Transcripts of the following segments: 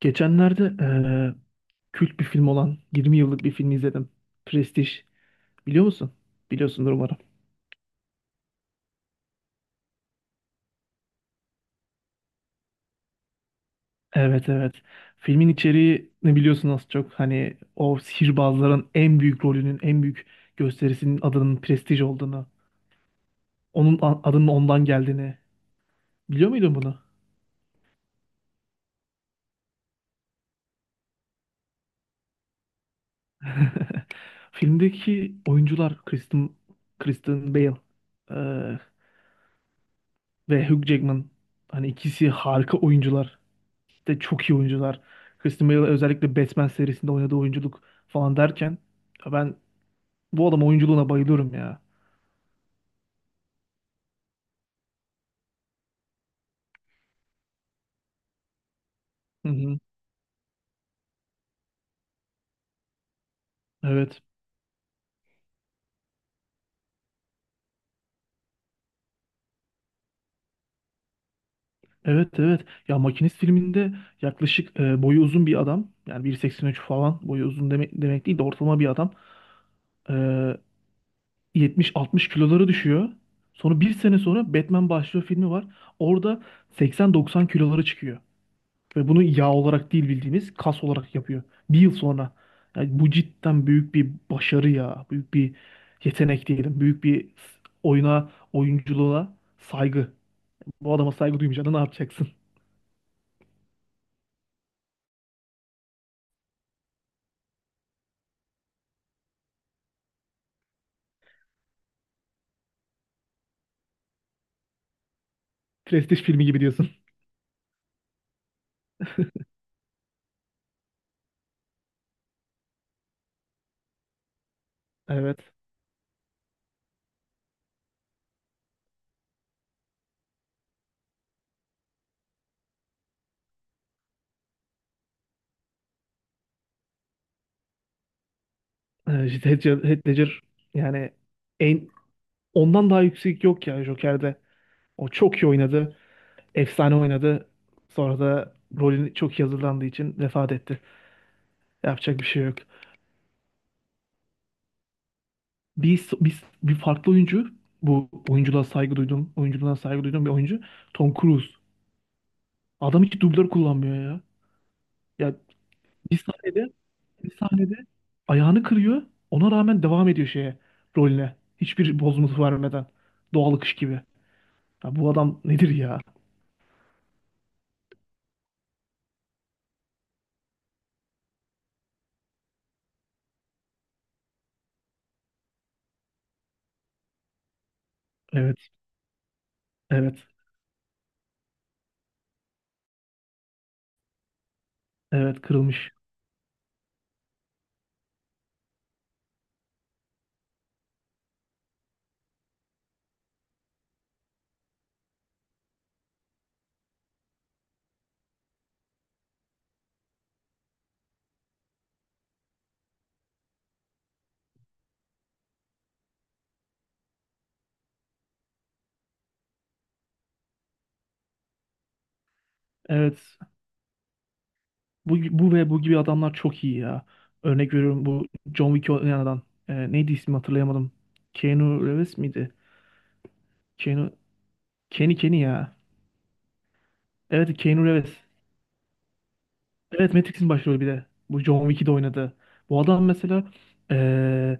Geçenlerde kült bir film olan 20 yıllık bir film izledim. Prestige. Biliyor musun? Biliyorsundur umarım. Evet, evet. Filmin içeriği ne biliyorsun az çok. Hani o sihirbazların en büyük rolünün, en büyük gösterisinin adının Prestige olduğunu, onun adının ondan geldiğini. Biliyor muydun bunu? Filmdeki oyuncular Kristen Bale eee, ve Hugh Jackman. Hani ikisi harika oyuncular. İşte çok iyi oyuncular. Christian Bale özellikle Batman serisinde oynadığı oyunculuk falan derken ya ben bu adam oyunculuğuna bayılıyorum ya. Hı hı. Evet. Evet, evet. Ya Makinist filminde yaklaşık boyu uzun bir adam. Yani 1,83 falan boyu uzun demek değil de ortalama bir adam. E, 70-60 kiloları düşüyor. Sonra bir sene sonra Batman başlıyor filmi var. Orada 80-90 kiloları çıkıyor. Ve bunu yağ olarak değil bildiğiniz kas olarak yapıyor. Bir yıl sonra. Yani bu cidden büyük bir başarı ya. Büyük bir yetenek diyelim. Büyük bir oyunculuğa saygı. Bu adama saygı duymayacağına ne yapacaksın? Prestij filmi gibi diyorsun. Evet. Heath Ledger yani en ondan daha yüksek yok ya Joker'de. O çok iyi oynadı. Efsane oynadı. Sonra da rolünü çok iyi hazırlandığı için vefat etti. Yapacak bir şey yok. Biz bir farklı oyuncu bu oyunculuğa saygı duydum. Oyunculuğuna saygı duyduğum bir oyuncu Tom Cruise. Adam hiç dublör kullanmıyor ya. Ya bir sahnede bir sahnede ayağını kırıyor. Ona rağmen devam ediyor rolüne. Hiçbir bozuntu vermeden. Doğal akış gibi. Ya bu adam nedir ya? Evet, evet, evet kırılmış. Evet. Bu ve bu gibi adamlar çok iyi ya. Örnek veriyorum bu John Wick oynayan adam. Neydi ismi hatırlayamadım. Keanu Reeves miydi? Keanu... Kenny Kenny ya. Evet, Keanu Reeves. Evet, Matrix'in başrolü bir de. Bu John Wick'i de oynadı. Bu adam mesela ee,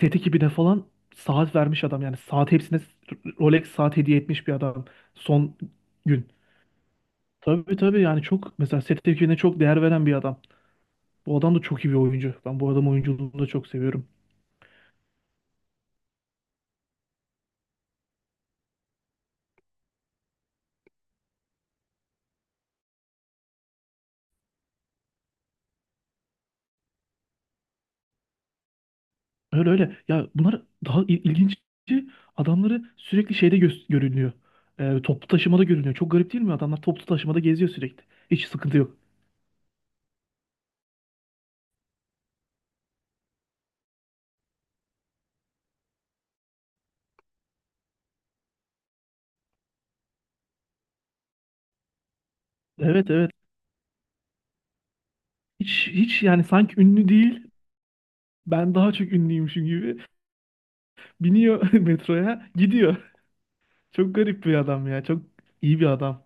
set ekibine falan saat vermiş adam. Yani saat hepsine Rolex saat hediye etmiş bir adam. Son gün. Tabii, tabii, yani çok mesela set ekibine çok değer veren bir adam. Bu adam da çok iyi bir oyuncu. Ben bu adam oyunculuğunu da çok seviyorum. Öyle öyle. Ya bunlar daha ilginci adamları sürekli görünüyor. Toplu taşımada görünüyor. Çok garip değil mi? Adamlar toplu taşımada geziyor sürekli. Hiç sıkıntı yok. Evet, evet. Hiç hiç yani sanki ünlü değil. Ben daha çok ünlüymüşüm gibi. Biniyor metroya gidiyor. Çok garip bir adam ya. Çok iyi bir adam.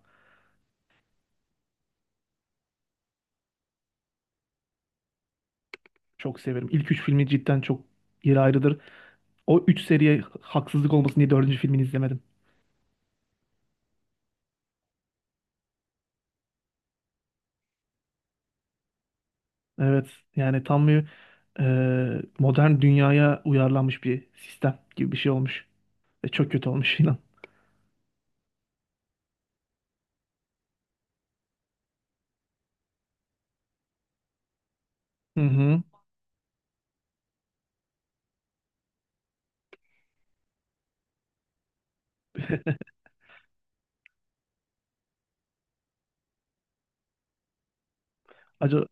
Çok severim. İlk üç filmi cidden çok yeri ayrıdır. O üç seriye haksızlık olmasın diye dördüncü filmini izlemedim. Evet, yani tam bir modern dünyaya uyarlanmış bir sistem gibi bir şey olmuş. Ve çok kötü olmuş inan. Hı hı. Acaba,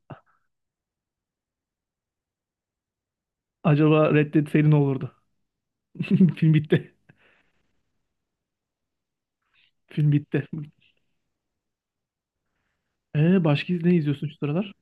acaba Red Dead seri ne olurdu? Film bitti. Film bitti. Başka ne izliyorsun şu sıralar?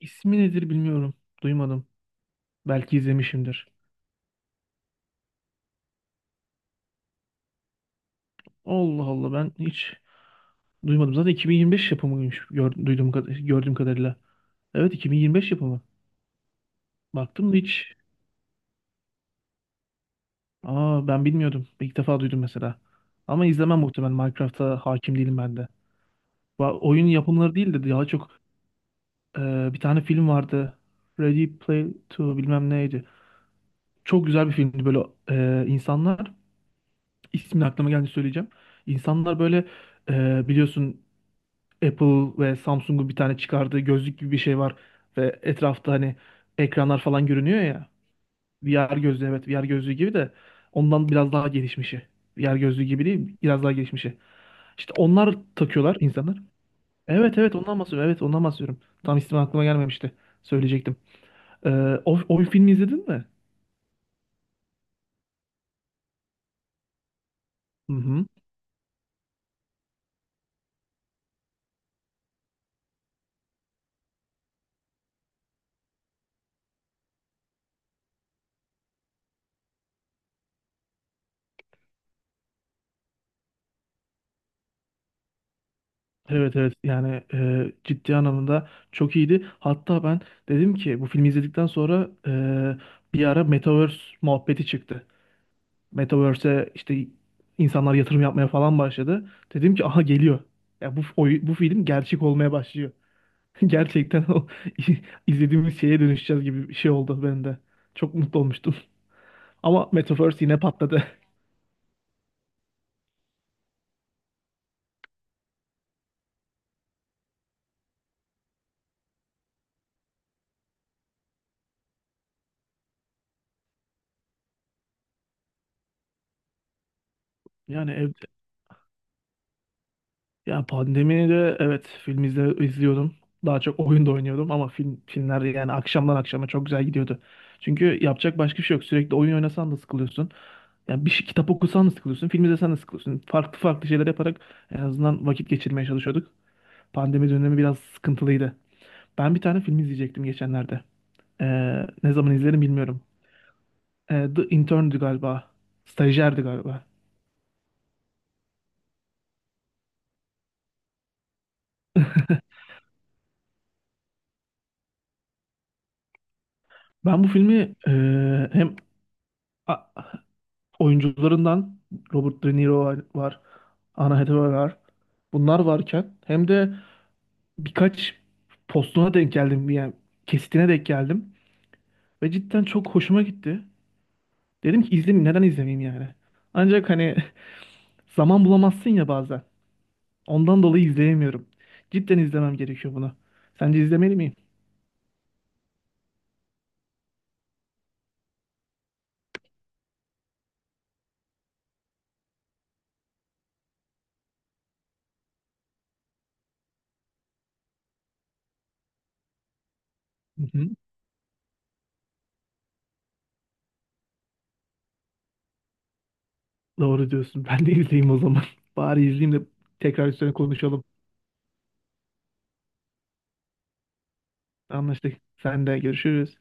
İsmi nedir bilmiyorum. Duymadım. Belki izlemişimdir. Allah Allah, ben hiç duymadım. Zaten 2025 yapımıymış duyduğum, gördüğüm kadarıyla. Evet, 2025 yapımı. Baktım da hiç. Aa, ben bilmiyordum. İlk defa duydum mesela. Ama izlemem muhtemelen. Minecraft'a hakim değilim ben de. Oyun yapımları değil de daha çok e, bir tane film vardı. Ready Play 2 bilmem neydi. Çok güzel bir filmdi böyle insanlar. İsmini aklıma geldi söyleyeceğim. İnsanlar böyle biliyorsun Apple ve Samsung'un bir tane çıkardığı gözlük gibi bir şey var ve etrafta hani ekranlar falan görünüyor ya. VR gözlüğü, evet, VR gözlüğü gibi de ondan biraz daha gelişmişi. VR gözlüğü gibi değil, biraz daha gelişmişi. İşte onlar takıyorlar insanlar. Evet, evet, ondan bahsediyorum. Evet, ondan bahsediyorum. Tam ismi aklıma gelmemişti. Söyleyecektim. Ee, o filmi izledin mi? Hı hı. Evet, evet, yani ciddi anlamda çok iyiydi. Hatta ben dedim ki bu filmi izledikten sonra bir ara Metaverse muhabbeti çıktı. Metaverse'e işte insanlar yatırım yapmaya falan başladı. Dedim ki aha geliyor. Ya bu film gerçek olmaya başlıyor. Gerçekten o izlediğimiz şeye dönüşeceğiz gibi bir şey oldu bende. Çok mutlu olmuştum. Ama Metaverse yine patladı. Yani ev, Ya pandemide, evet, film izliyordum. Daha çok oyun da oynuyordum ama filmler yani akşamdan akşama çok güzel gidiyordu. Çünkü yapacak başka bir şey yok. Sürekli oyun oynasan da sıkılıyorsun. Yani kitap okusan da sıkılıyorsun, film izlesen de sıkılıyorsun. Farklı farklı şeyler yaparak en azından vakit geçirmeye çalışıyorduk. Pandemi dönemi biraz sıkıntılıydı. Ben bir tane film izleyecektim geçenlerde. Ne zaman izlerim bilmiyorum. The Intern'dü galiba. Stajyerdi galiba. Ben bu filmi hem oyuncularından Robert De Niro var, Anna Hathaway var. Bunlar varken hem de birkaç postuna denk geldim yani kesitine denk geldim ve cidden çok hoşuma gitti. Dedim ki izleyeyim, neden izlemeyeyim yani. Ancak hani zaman bulamazsın ya bazen. Ondan dolayı izleyemiyorum. Cidden izlemem gerekiyor bunu. Sence izlemeli miyim? Hı hı. Doğru diyorsun. Ben de izleyeyim o zaman. Bari izleyeyim de tekrar üstüne konuşalım. Anlaştık. Sen de görüşürüz.